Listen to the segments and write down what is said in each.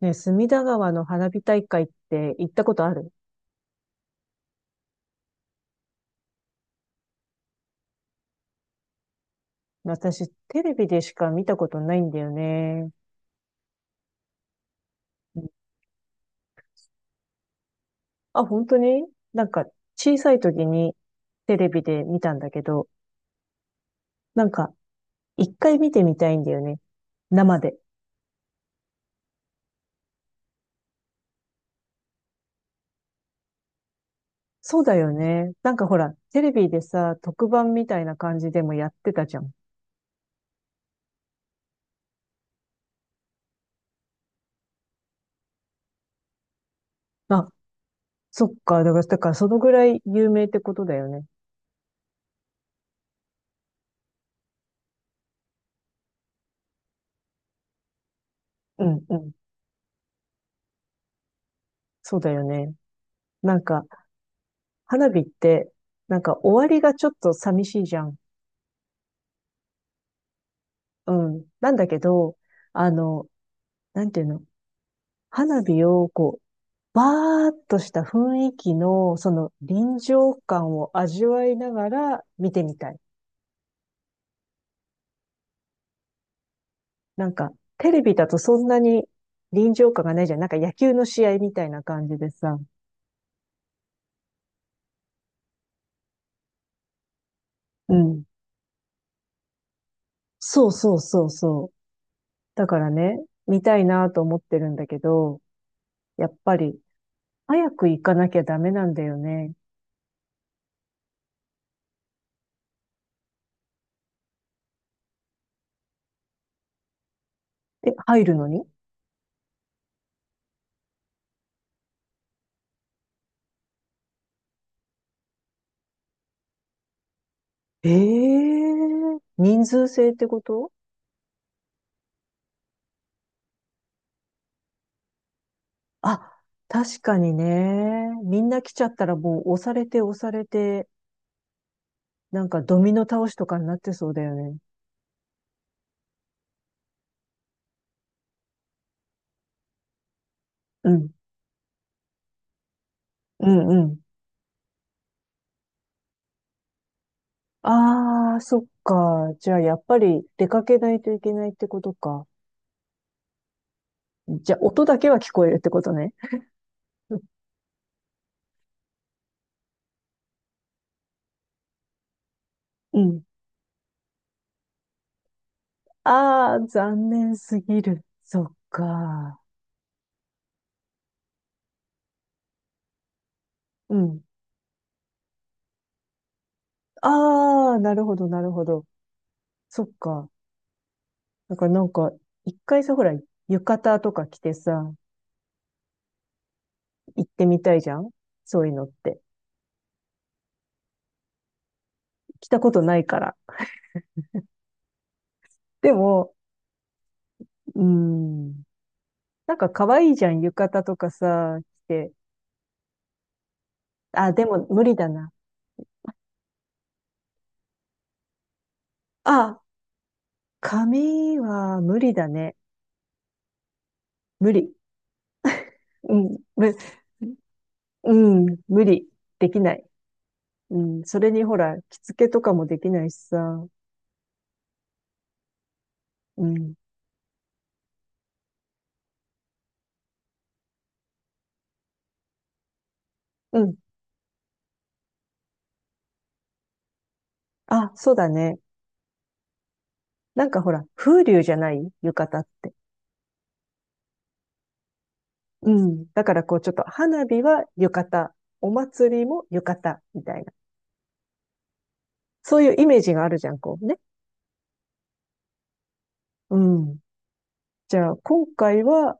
ね、隅田川の花火大会って行ったことある？私、テレビでしか見たことないんだよね。うん。あ、本当に？なんか、小さい時にテレビで見たんだけど、なんか、一回見てみたいんだよね。生で。そうだよね。なんかほら、テレビでさ、特番みたいな感じでもやってたじゃん。あ、そっか。だから、だからそのぐらい有名ってことだよね。うんうん。そうだよね。なんか、花火って、なんか終わりがちょっと寂しいじゃん。うん。なんだけど、あの、なんていうの、花火をこう、バーっとした雰囲気の、その臨場感を味わいながら見てみたい。なんか、テレビだとそんなに臨場感がないじゃん。なんか野球の試合みたいな感じでさ。うん。そうそうそうそう。だからね、見たいなと思ってるんだけど、やっぱり、早く行かなきゃダメなんだよね。え、入るのに？ええー、人数制ってこと？あ、確かにね。みんな来ちゃったらもう押されて押されて、なんかドミノ倒しとかになってそうだよね。うん。うんうん。ああ、そっか。じゃあやっぱり出かけないといけないってことか。じゃあ音だけは聞こえるってことね。うん。ああ、残念すぎる。そっか。うん。ああ、なるほど、なるほど。そっか。だからなんか、一回さ、ほら、浴衣とか着てさ、行ってみたいじゃんそういうのって。着たことないから。でも、うーん、なんか可愛いじゃん、浴衣とかさ、着て。あ、でも無理だな。あ、髪は無理だね。無理。うん、む、うん、無理。できない。うん、それにほら、着付けとかもできないしさ。うん、うん。あ、そうだね。なんかほら、風流じゃない浴衣って。うん。だからこうちょっと花火は浴衣、お祭りも浴衣みたいな。そういうイメージがあるじゃん、こうね。うん。じゃあ、今回は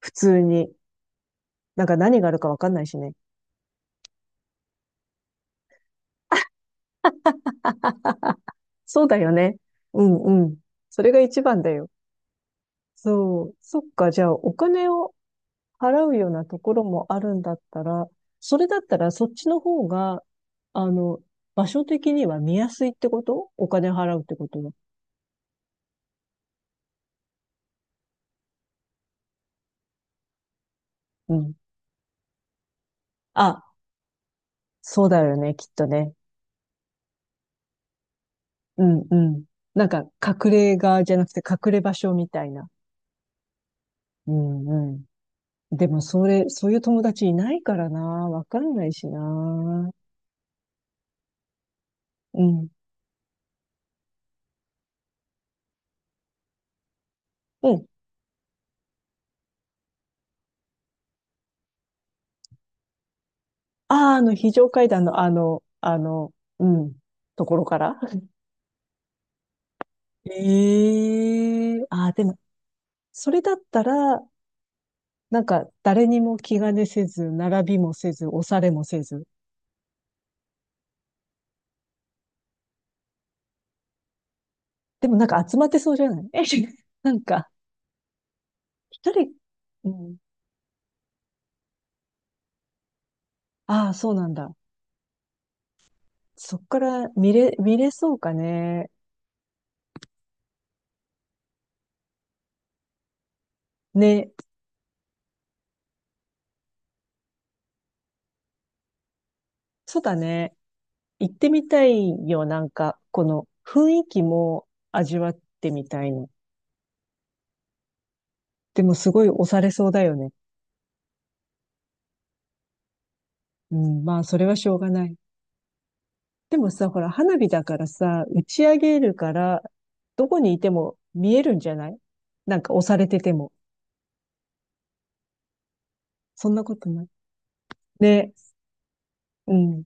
普通に、なんか何があるかわかんないしね。そうだよね。うんうん。それが一番だよ。そう。そっか。じゃあ、お金を払うようなところもあるんだったら、それだったらそっちの方が、あの、場所的には見やすいってこと？お金払うってことは。うん。あ、そうだよね、きっとね。うんうん。なんか、隠れ家じゃなくて隠れ場所みたいな。うんうん。でも、そういう友達いないからな。わかんないしな。うん。うん。ああ、あの、非常階段の、うん、ところから。ええああ、でも、それだったら、なんか、誰にも気兼ねせず、並びもせず、押されもせず。でも、なんか集まってそうじゃない？ え、なんか、一人、うん。ああ、そうなんだ。そっから見れそうかね。ね。そうだね。行ってみたいよ、なんか、この雰囲気も味わってみたいの。でもすごい押されそうだよね。うん、まあ、それはしょうがない。でもさ、ほら、花火だからさ、打ち上げるから、どこにいても見えるんじゃない？なんか押されてても。そんなことない？ね、うん。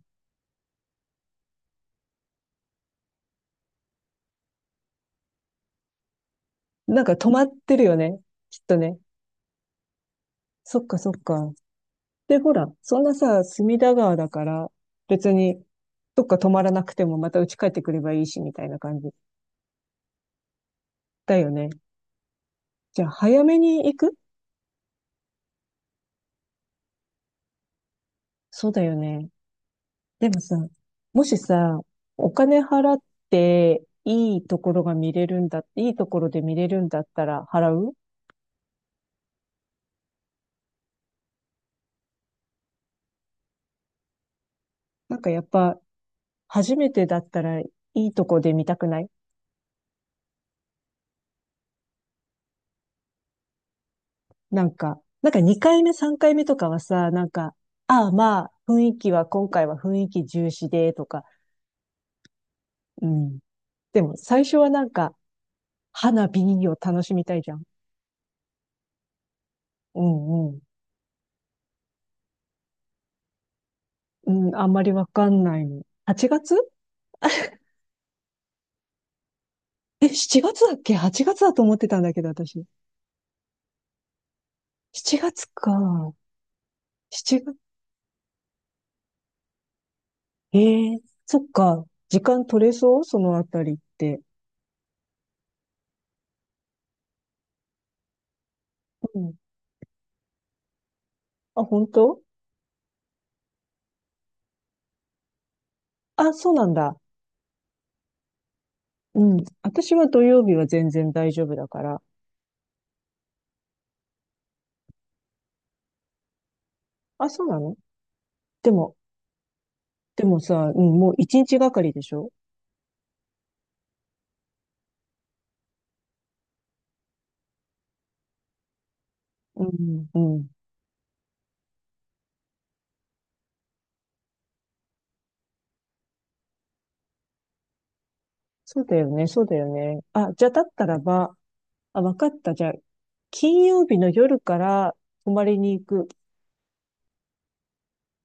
なんか止まってるよね。きっとね。そっかそっか。で、ほら、そんなさ、隅田川だから、別に、どっか止まらなくてもまた家帰ってくればいいし、みたいな感じだよね。じゃあ、早めに行く？そうだよね。でもさ、もしさ、お金払っていいところが見れるんだ、いいところで見れるんだったら払う。なんかやっぱ、初めてだったらいいとこで見たくない？なんか、なんか2回目、3回目とかはさ、なんか、ああまあ、雰囲気は今回は雰囲気重視で、とか、うん。でも最初はなんか、花火を楽しみたいじゃん。うんうん。うん、あんまりわかんないの。8月？え、7月だっけ？ 8 月だと思ってたんだけど、私。7月か。7月。ええ、そっか。時間取れそう？そのあたりって。うん。あ、本当？あ、そうなんだ。うん。私は土曜日は全然大丈夫だから。あ、そうなの？でも、でもさ、うん、もう1日がかりでしょ？うん、うん。そうだよね、そうだよね。あ、じゃあだったらば、あ、わかった。じゃあ、金曜日の夜から泊まりに行く。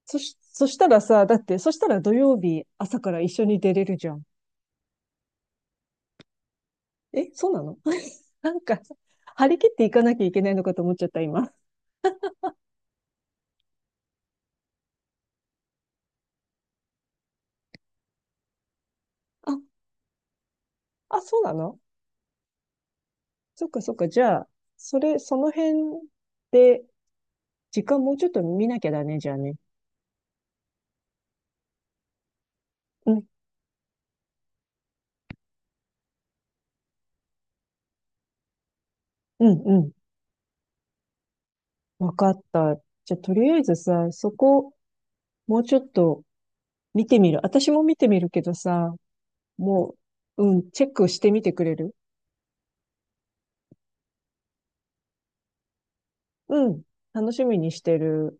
そしたらさ、だって、そしたら土曜日朝から一緒に出れるじゃん。え、そうなの？ なんか、張り切っていかなきゃいけないのかと思っちゃった、今。あ、あ、そうなの？そっかそっか。じゃあ、それ、その辺で、時間もうちょっと見なきゃだね、じゃあね。うん、うん、うん。わかった。じゃあ、とりあえずさ、そこ、もうちょっと見てみる。私も見てみるけどさ、もう、うん、チェックしてみてくれる？うん、楽しみにしてる。